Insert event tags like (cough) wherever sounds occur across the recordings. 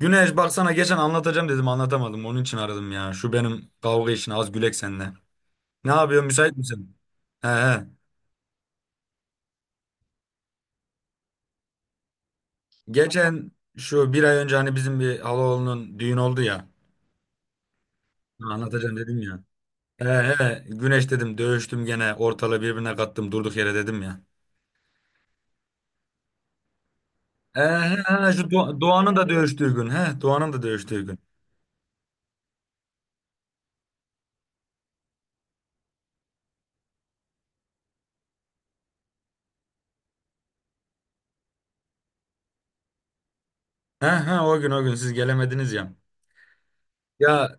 Güneş baksana geçen anlatacağım dedim anlatamadım. Onun için aradım ya. Şu benim kavga işini az gülek seninle. Ne yapıyorsun müsait misin? He he. Geçen şu bir ay önce hani bizim bir halaoğlunun düğün oldu ya. Anlatacağım dedim ya. He he. Güneş dedim dövüştüm gene ortalığı birbirine kattım durduk yere dedim ya. He he he şu Doğan'ın da dövüştüğü gün. He Doğan'ın da dövüştüğü gün. He he o gün siz gelemediniz ya. Ya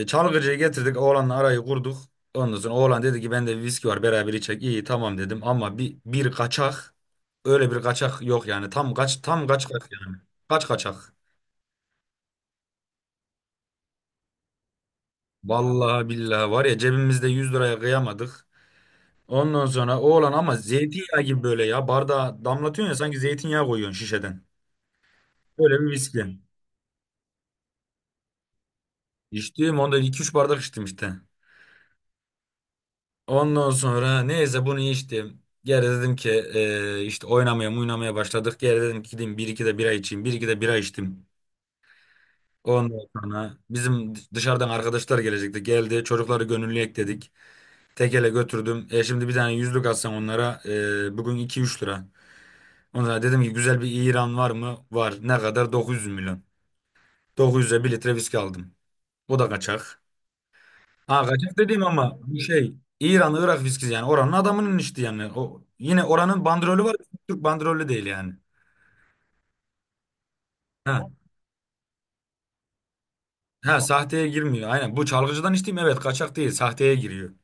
çalgıcıyı getirdik oğlanla arayı kurduk. Ondan sonra oğlan dedi ki bende bir viski var beraber içecek. İyi tamam dedim ama bir kaçak öyle bir kaçak yok yani tam kaç yani. Kaç kaçak. Vallahi billahi var ya cebimizde 100 liraya kıyamadık. Ondan sonra oğlan ama zeytinyağı gibi böyle ya bardağa damlatıyorsun ya sanki zeytinyağı koyuyorsun şişeden. Böyle bir viski. İçtim onda iki üç bardak içtim işte. Ondan sonra neyse bunu içtim. Geri dedim ki işte oynamaya oynamaya başladık. Geri dedim ki gideyim bir iki de bira içeyim. Bir iki de bira içtim. Ondan sonra bizim dışarıdan arkadaşlar gelecekti. Geldi çocukları gönüllü ekledik. Tekele götürdüm. E şimdi bir tane yüzlük atsam onlara bugün 2-3 lira. Ondan sonra dedim ki güzel bir İran var mı? Var. Ne kadar? 900 milyon. 900'e bir litre viski aldım. O da kaçak. Ha kaçak dediğim ama bu şey İran Irak viskisi yani oranın adamının işte yani o yine oranın bandrolü var Türk bandrolü değil yani. Ha, ha sahteye girmiyor aynen bu çalgıcıdan içtiğim evet kaçak değil sahteye giriyor.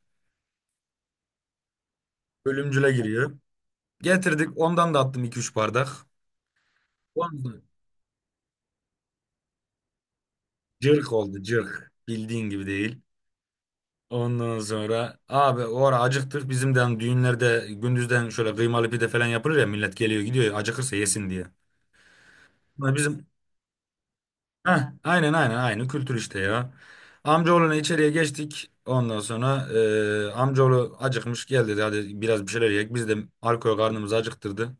Ölümcüle giriyor. Getirdik ondan da attım iki üç bardak. Ondan cırk oldu cırk bildiğin gibi değil. Ondan sonra abi o ara acıktık bizimden düğünlerde gündüzden şöyle kıymalı pide falan yapılır ya millet geliyor gidiyor acıkırsa yesin diye. Ama Bizim Heh, aynen aynen aynı kültür işte ya. Amcaoğluna içeriye geçtik. Ondan sonra amcaoğlu acıkmış gel dedi hadi biraz bir şeyler yiyek. Biz de alkol karnımızı acıktırdı.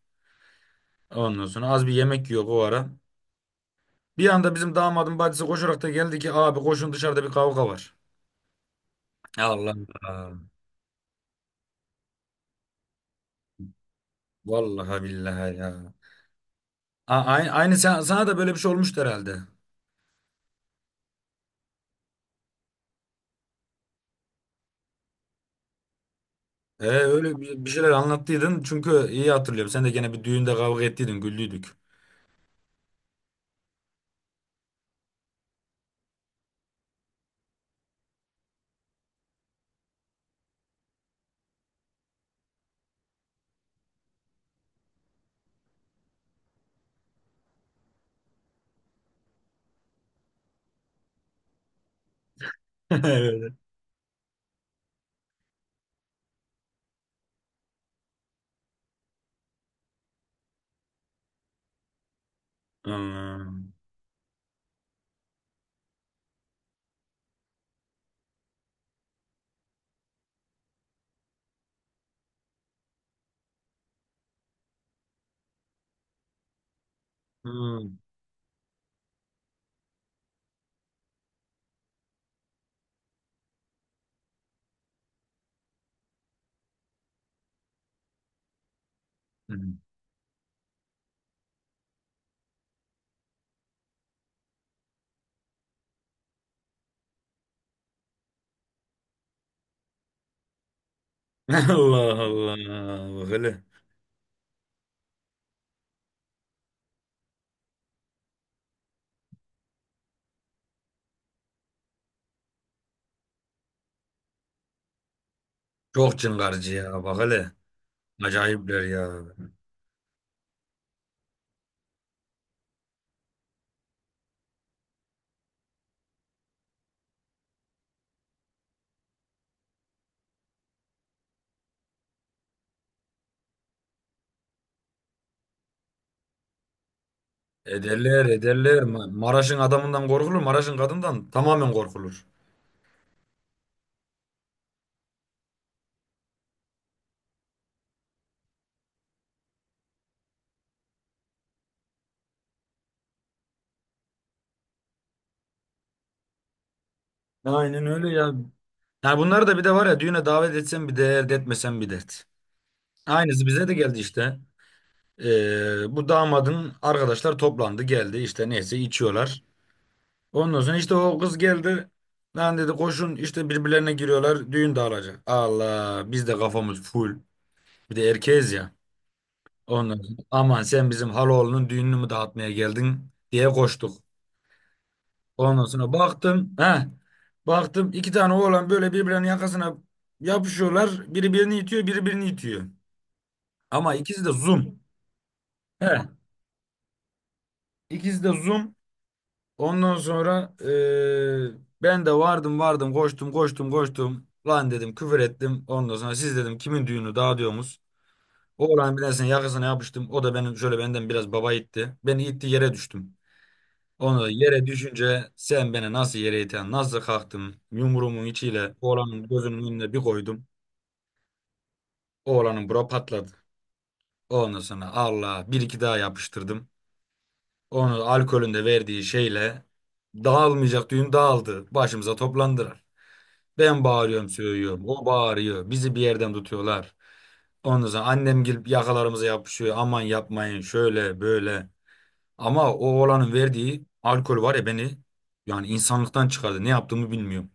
Ondan sonra az bir yemek yiyor o ara. Bir anda bizim damadın bacısı koşarak da geldi ki abi koşun dışarıda bir kavga var. Allah Allah. Vallahi billahi ya. Aynı, sana da böyle bir şey olmuştu herhalde. Öyle bir şeyler anlattıydın çünkü iyi hatırlıyorum. Sen de gene bir düğünde kavga ettiydin güldüydük. (laughs) Evet. Hmm. Hmm. (laughs) Allah Allah. Bak hele. Çok çıngarcı ya. Bak hele. Acayipler ya. Ederler ederler. Maraş'ın adamından korkulur. Maraş'ın kadından tamamen korkulur. Aynen öyle ya. Yani bunları da bir de var ya düğüne davet etsen bir dert, etmesen bir dert. Aynısı bize de geldi işte. Bu damadın arkadaşlar toplandı geldi işte neyse içiyorlar. Ondan sonra işte o kız geldi. Lan dedi koşun işte birbirlerine giriyorlar düğün dağılacak. Allah biz de kafamız full. Bir de erkeğiz ya. Ondan sonra, aman sen bizim haloğlunun düğününü mü dağıtmaya geldin diye koştuk. Ondan sonra baktım. He, Baktım iki tane oğlan böyle birbirlerinin yakasına yapışıyorlar. Biri birini itiyor, biri birini itiyor. Ama ikisi de zoom. He, ikisi de zoom. Ondan sonra ben de vardım vardım koştum koştum koştum. Lan dedim küfür ettim. Ondan sonra siz dedim kimin düğünü dağıtıyorsunuz? Oğlan birisinin yakasına yapıştım. O da benim şöyle benden biraz baba itti. Beni itti yere düştüm. Onu da yere düşünce sen beni nasıl yere iten, nasıl kalktım yumruğumun içiyle oğlanın gözünün önüne bir koydum. Oğlanın bura patladı. Ondan sonra Allah bir iki daha yapıştırdım. Onu alkolün de verdiği şeyle dağılmayacak düğün dağıldı. Başımıza toplandılar. Ben bağırıyorum söylüyorum. O bağırıyor. Bizi bir yerden tutuyorlar. Ondan sonra annem gelip yakalarımıza yapışıyor. Aman yapmayın şöyle böyle. Ama o oğlanın verdiği alkol var ya beni yani insanlıktan çıkardı. Ne yaptığımı bilmiyorum.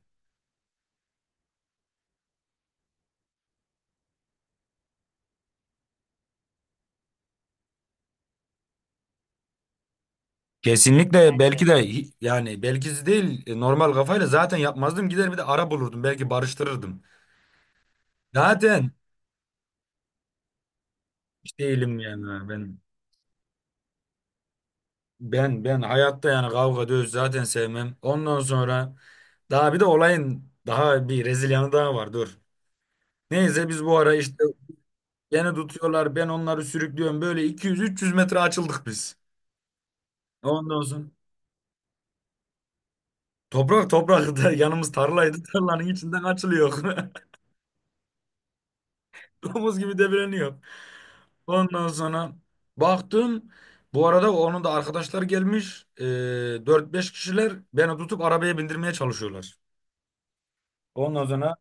Kesinlikle belki de yani belki de değil normal kafayla zaten yapmazdım gider bir de ara bulurdum belki barıştırırdım. Zaten hiç değilim yani ben hayatta yani kavga dövüş zaten sevmem. Ondan sonra daha bir de olayın daha bir rezil yanı daha var dur. Neyse biz bu ara işte beni tutuyorlar ben onları sürüklüyorum böyle 200-300 metre açıldık biz. Ondan sonra toprak toprak da (laughs) yanımız tarlaydı tarlanın içinden açılıyor. (laughs) Domuz gibi devreniyor. Ondan sonra baktım. Bu arada onun da arkadaşlar gelmiş. E, 4-5 kişiler beni tutup arabaya bindirmeye çalışıyorlar. Ondan sonra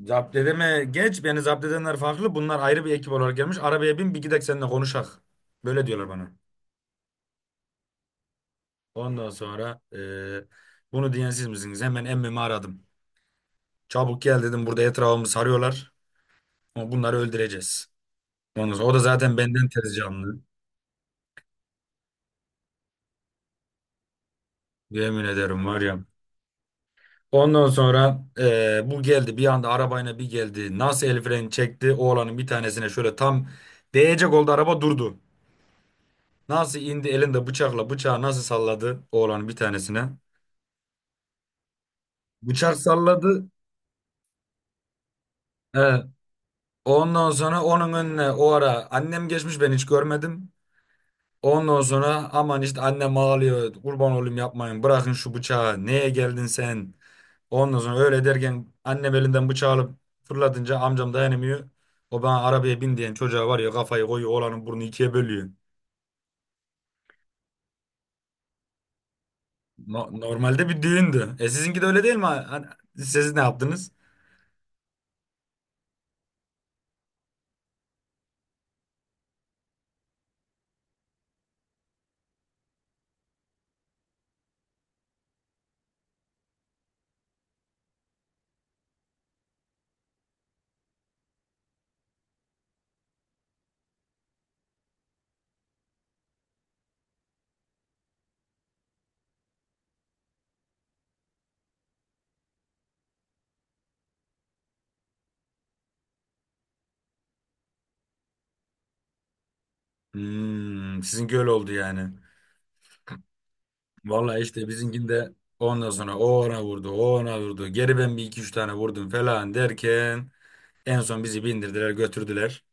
zapt edeme geç. Beni zapt edenler farklı. Bunlar ayrı bir ekip olarak gelmiş. Arabaya bin bir gidek seninle konuşak. Böyle diyorlar bana. Ondan sonra bunu diyen siz misiniz? Hemen emmimi aradım. Çabuk gel dedim. Burada etrafımı sarıyorlar. Ama bunları öldüreceğiz. Ondan sonra o da zaten benden tez canlı. Yemin ederim var ya. Ondan sonra bu geldi bir anda arabayla bir geldi. Nasıl el freni çekti oğlanın bir tanesine şöyle tam değecek oldu araba durdu. Nasıl indi elinde bıçakla bıçağı nasıl salladı oğlanın bir tanesine. Bıçak salladı. He. Ondan sonra onun önüne o ara annem geçmiş ben hiç görmedim. Ondan sonra aman işte annem ağlıyor kurban olayım yapmayın bırakın şu bıçağı neye geldin sen. Ondan sonra öyle derken annem elinden bıçağı alıp fırlatınca amcam dayanamıyor. O bana arabaya bin diyen çocuğa var ya kafayı koyuyor oğlanın burnu ikiye bölüyor. Normalde bir düğündü. E sizinki de öyle değil mi? Hani siz ne yaptınız? Hmm, sizinki öyle oldu yani. Vallahi işte bizimkinde ondan sonra o ona vurdu, o ona vurdu. Geri ben bir iki üç tane vurdum falan derken en son bizi bindirdiler götürdüler.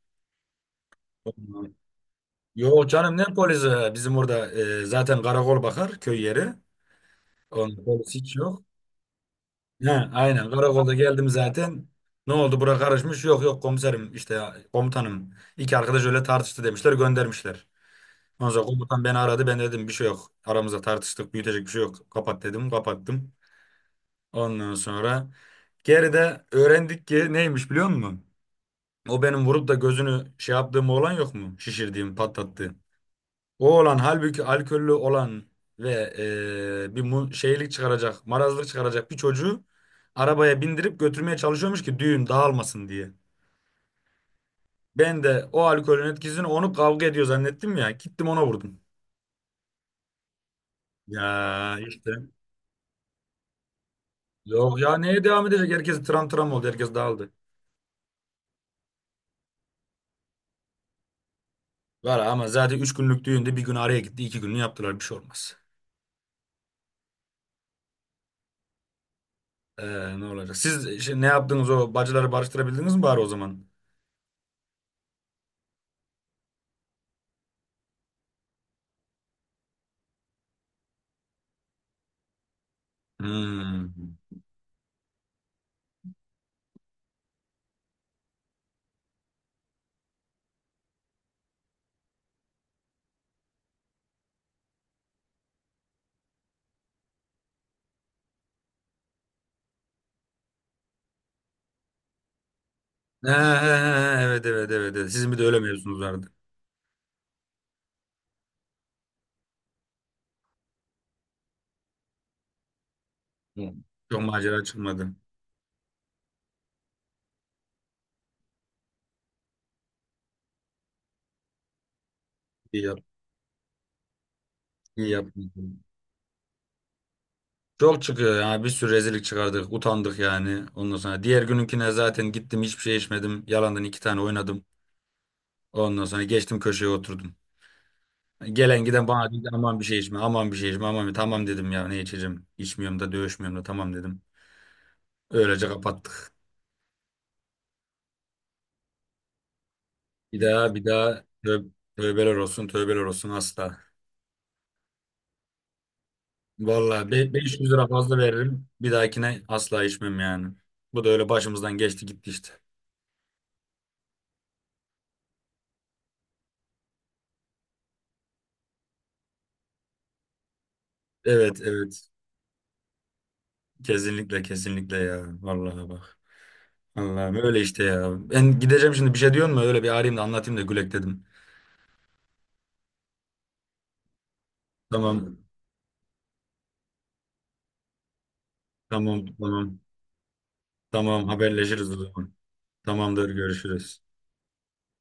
Yok canım ne polisi? Bizim orada zaten karakol bakar köy yeri. Onun polisi hiç yok. Ha, aynen karakolda geldim zaten. Ne oldu bura karışmış? Yok yok komiserim işte komutanım. İki arkadaş öyle tartıştı demişler göndermişler. Ondan sonra komutan beni aradı ben dedim bir şey yok. Aramızda tartıştık büyütecek bir şey yok. Kapat dedim kapattım. Ondan sonra geride öğrendik ki neymiş biliyor musun? O benim vurup da gözünü şey yaptığım olan yok mu? Şişirdiğim patlattığım. O olan halbuki alkollü olan ve bir şeylik çıkaracak, marazlık çıkaracak bir çocuğu arabaya bindirip götürmeye çalışıyormuş ki düğün dağılmasın diye. Ben de o alkolün etkisini onu kavga ediyor zannettim ya. Gittim ona vurdum. Ya işte. Yok ya neye devam edecek? Herkes tram tram oldu. Herkes dağıldı. Var ama zaten 3 günlük düğünde bir gün araya gitti. 2 gününü yaptılar. Bir şey olmaz. Ne olacak? Siz işte ne yaptınız o bacıları barıştırabildiniz mi bari o zaman? Hmm. Ha, ha, ha, evet evet evet. Evet. Sizin bir de öyle mevzunuz vardı. Hı. Çok macera çıkmadı. İyi yap, iyi yapmışsınız. Çok çıkıyor ya. Bir sürü rezillik çıkardık. Utandık yani. Ondan sonra diğer gününkine zaten gittim hiçbir şey içmedim. Yalandan iki tane oynadım. Ondan sonra geçtim köşeye oturdum. Gelen giden bana dedi aman bir şey içme, aman bir şey içme, aman bir şey." tamam dedim ya ne içeceğim. İçmiyorum da dövüşmüyorum da tamam dedim. Öylece kapattık. Bir daha bir daha tövbeler olsun tövbeler olsun asla. Vallahi 500 lira fazla veririm. Bir dahakine asla içmem yani. Bu da öyle başımızdan geçti gitti işte. Evet evet. Kesinlikle kesinlikle ya. Vallahi bak. Allah'ım öyle işte ya. Ben gideceğim şimdi bir şey diyor mu? Öyle bir arayayım da anlatayım da gülek dedim. Tamam. Tamam tamam. Tamam haberleşiriz o zaman. Tamamdır görüşürüz.